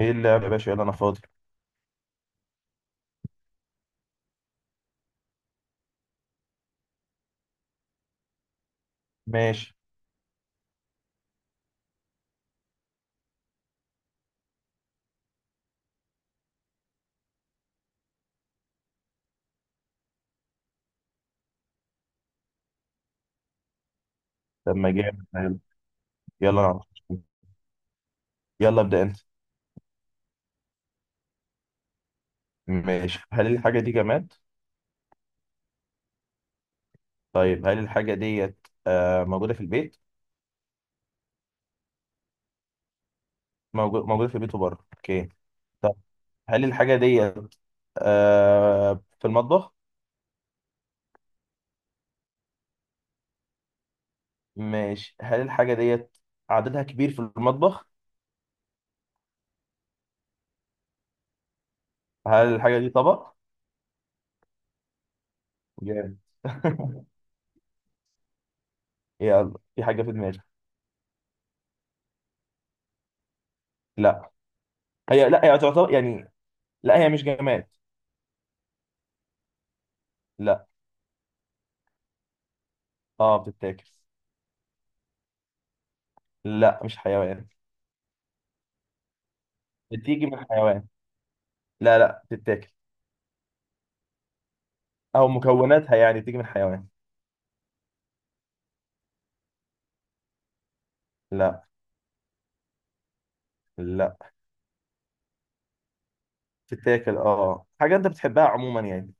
ايه اللعب يا باشا؟ يلا انا فاضي. ماشي. طب ما جامد حلو. يلا انا عارف. يلا ابدا انت. ماشي. هل الحاجه دي جماد؟ طيب، هل الحاجه ديت موجوده في البيت؟ موجوده في البيت وبره. اوكي. طب، هل الحاجه ديت في المطبخ؟ ماشي. هل الحاجه ديت عددها كبير في المطبخ؟ هل الحاجه دي طبق؟ جامد. يلا، في حاجه في دماغي. لا لا هي تعتبر يعني. لا، هي مش جماد. لا. اه، بتتاكل. لا، مش حيوان. بتيجي من حيوان. لا، لا، بتتاكل. او مكوناتها يعني بتيجي من حيوان. لا. لا، بتتاكل. اه، حاجه انت بتحبها عموما يعني.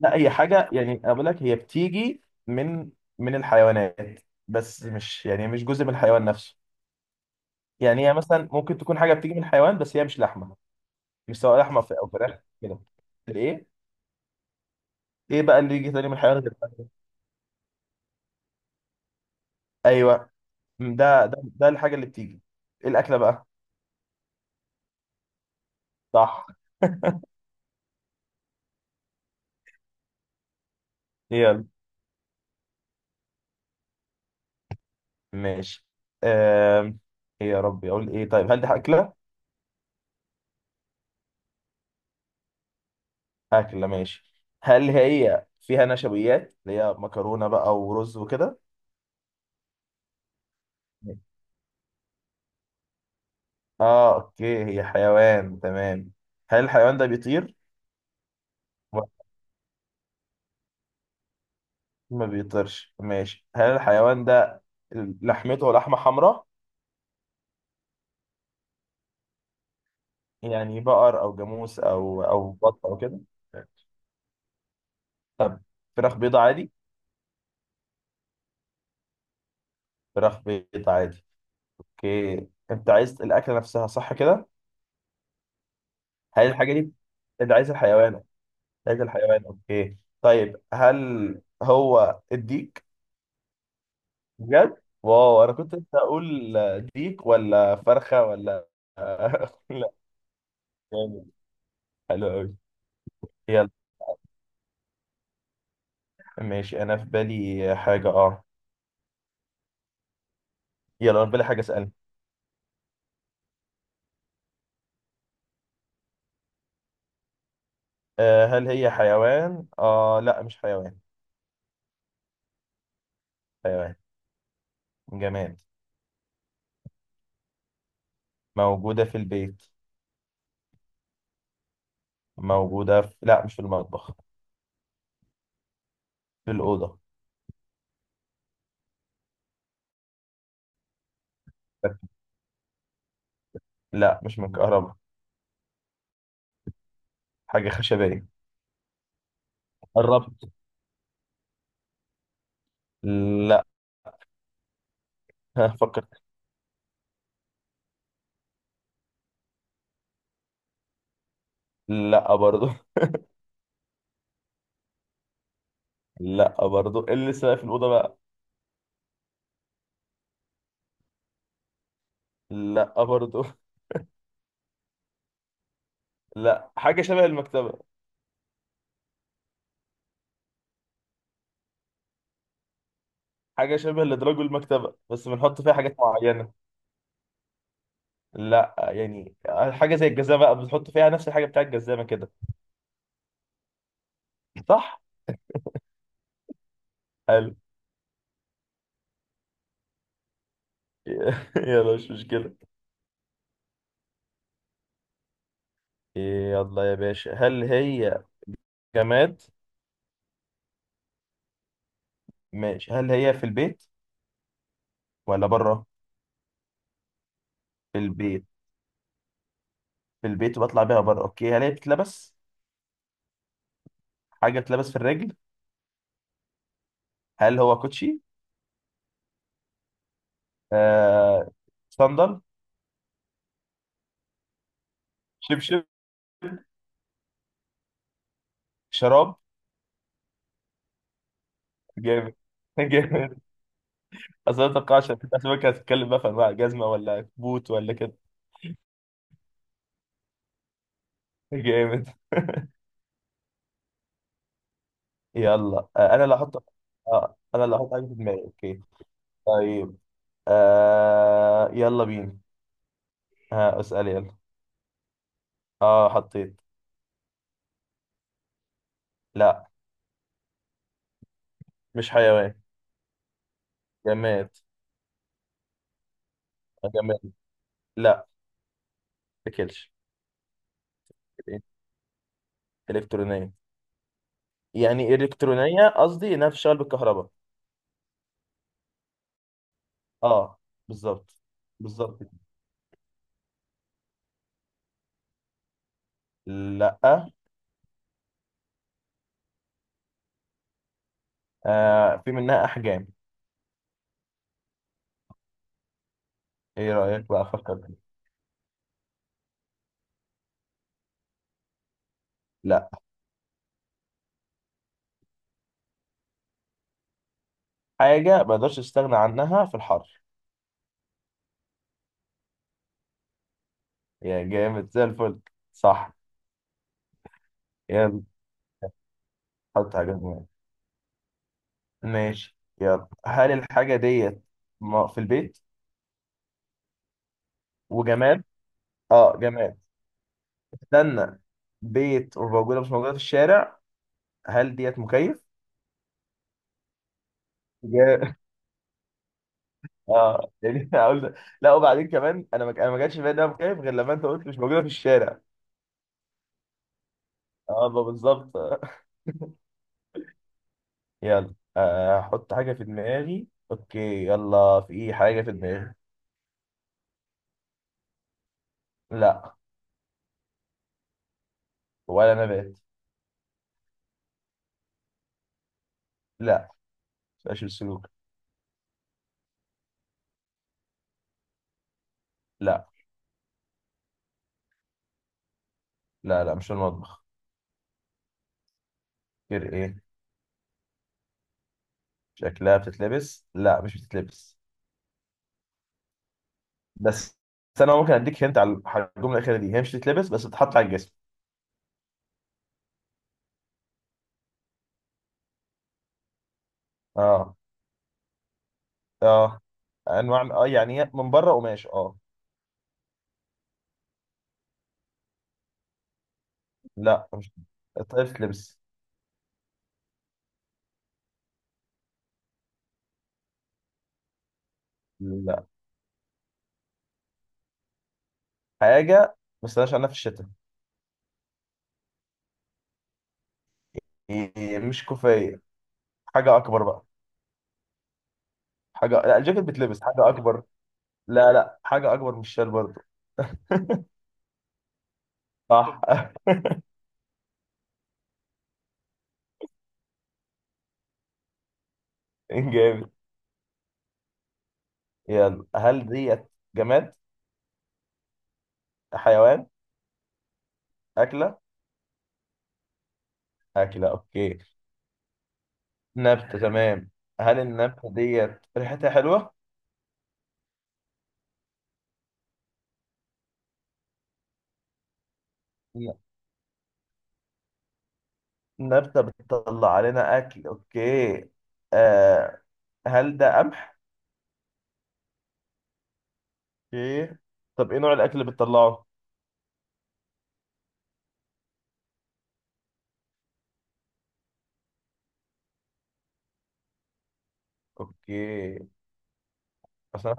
لا، هي حاجه يعني اقول لك هي بتيجي من الحيوانات. بس مش يعني مش جزء من الحيوان نفسه. يعني هي مثلا ممكن تكون حاجه بتيجي من الحيوان بس هي مش لحمه. مش سواء لحمه او فراخ كده. ايه. ايه بقى اللي يجي تاني من الحيوان غير الفرخ؟ ايوه. ده الحاجه اللي بتيجي. ايه الاكله بقى؟ صح. يلا، ماشي. آم، ايه يا ربي اقول ايه؟ طيب، هل دي اكله؟ اكله، ماشي. هل هي فيها نشويات اللي هي مكرونه بقى ورز وكده؟ اه، اوكي، هي حيوان، تمام. هل الحيوان ده بيطير؟ ما. ما بيطيرش. ماشي. هل الحيوان ده لحمته لحمه حمراء؟ يعني بقر او جاموس او بط او كده. طب، فراخ بيضة عادي. فراخ بيضة عادي. اوكي، انت عايز الاكله نفسها صح كده؟ هل الحاجه دي انت عايز الحيوان. لقيت الحيوان. اوكي، طيب، هل هو الديك؟ بجد، واو، انا كنت لسه اقول ديك ولا فرخه ولا؟ لا. جامد. حلو قوي. يلا، ماشي. انا في بالي حاجه يلا، انا في بالي حاجه اسالها. هل هي حيوان؟ اه، لا، مش حيوان. حيوان. جماد. موجوده في البيت. موجوده في لا، مش في المطبخ. في الاوضه. لا، مش من كهرباء. حاجه خشبيه. قربت. لا. فكر. لا برضو. لا برضو. إيه اللي لسه في الأوضة بقى؟ لا برضو. لا، حاجة شبه المكتبة. حاجة شبه لدراج المكتبة بس بنحط فيها حاجات معينة. لا يعني. حاجة زي الجزامة بقى بنحط فيها نفس الحاجة بتاع الجزامة كده. صح؟ حلو. يلا، مش مشكلة. يلا يا باشا، هل هي جماد؟ ماشي. هل هي في البيت ولا بره؟ في البيت. في البيت وبطلع بيها بره. اوكي، هل هي بتتلبس؟ حاجة بتتلبس في الرجل؟ هل هو كوتشي؟ آه... صندل؟ شبشب؟ شراب؟ جامد. جامد. اصل أنا متوقعش إن في اسماك هتتكلم بقى في انواع جزمه ولا كبوت ولا كده. جامد. يلا، انا اللي هحط. اه، انا اللي هحط حاجه في دماغي، اوكي. طيب، يلا بينا. ها، اسال يلا. اه، حطيت. لا. مش حيوان. جماد. جماد. لا. تاكلش. الكترونيه. يعني الكترونيه قصدي انها بتشتغل بالكهرباء. اه. بالظبط. بالظبط. لا. في منها احجام. ايه رايك بقى افكر؟ لا. حاجة ما اقدرش استغنى عنها في الحر. يا جامد زي الفل. صح. يلا. حط حاجة في دماغك. ماشي، يلا. هل الحاجة ديت في البيت؟ وجماد؟ اه، جماد. استنى. بيت، وموجودة مش موجودة في الشارع. هل ديت مكيف؟ جا- اه، يعني هقول. لا، وبعدين كمان انا ما جاتش في بالي انها مكيف غير لما انت قلت مش موجودة في الشارع. اه، ما بالظبط. يلا، احط حاجة في دماغي، اوكي. يلا، في ايه حاجة في دماغي. لا. ولا نبات. لا، مش السلوك. لا، لا، لا، مش المطبخ. غير ايه. شكلها بتتلبس؟ لا، مش بتتلبس. بس بس انا ممكن اديك هنت على الجمله الاخيره دي. هي مش بتتلبس بس بتتحط على الجسم. اه. اه، انواع. اه، يعني هي من بره قماش لا، مش. طيب بتتلبس. لا. حاجه ما استناش عنها في الشتاء. هي مش كوفيه. حاجه اكبر بقى. لا، الجاكيت بتلبس حاجه اكبر. لا، لا، حاجه اكبر من الشال برضه. صح. جامد. يلا. هل ديت جماد؟ حيوان؟ أكلة. أكلة، أوكي. نبتة، تمام. هل النبتة ديت ريحتها حلوة؟ لا. نبتة بتطلع علينا أكل، أوكي. آه هل ده قمح؟ أوكي. طب، إيه نوع الأكل اللي بتطلعه؟ أوكي. أصل أنا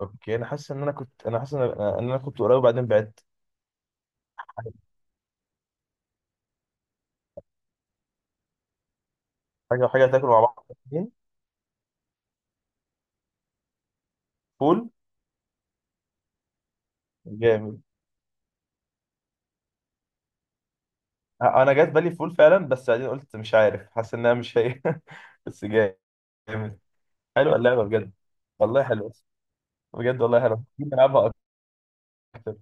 أوكي، أنا حاسس إن أنا إن أنا كنت قريب وبعدين بعدت. حاجة وحاجة تاكلوا مع بعض الاتنين. فول. جامد. أنا جات بالي فول فعلا بس بعدين قلت مش عارف، حاسس إنها مش هي. بس. جامد. حلوة اللعبة بجد. والله حلو. بجد والله حلو نلعبها اكتر.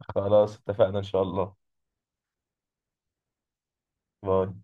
خلاص اتفقنا ان شاء الله. باي.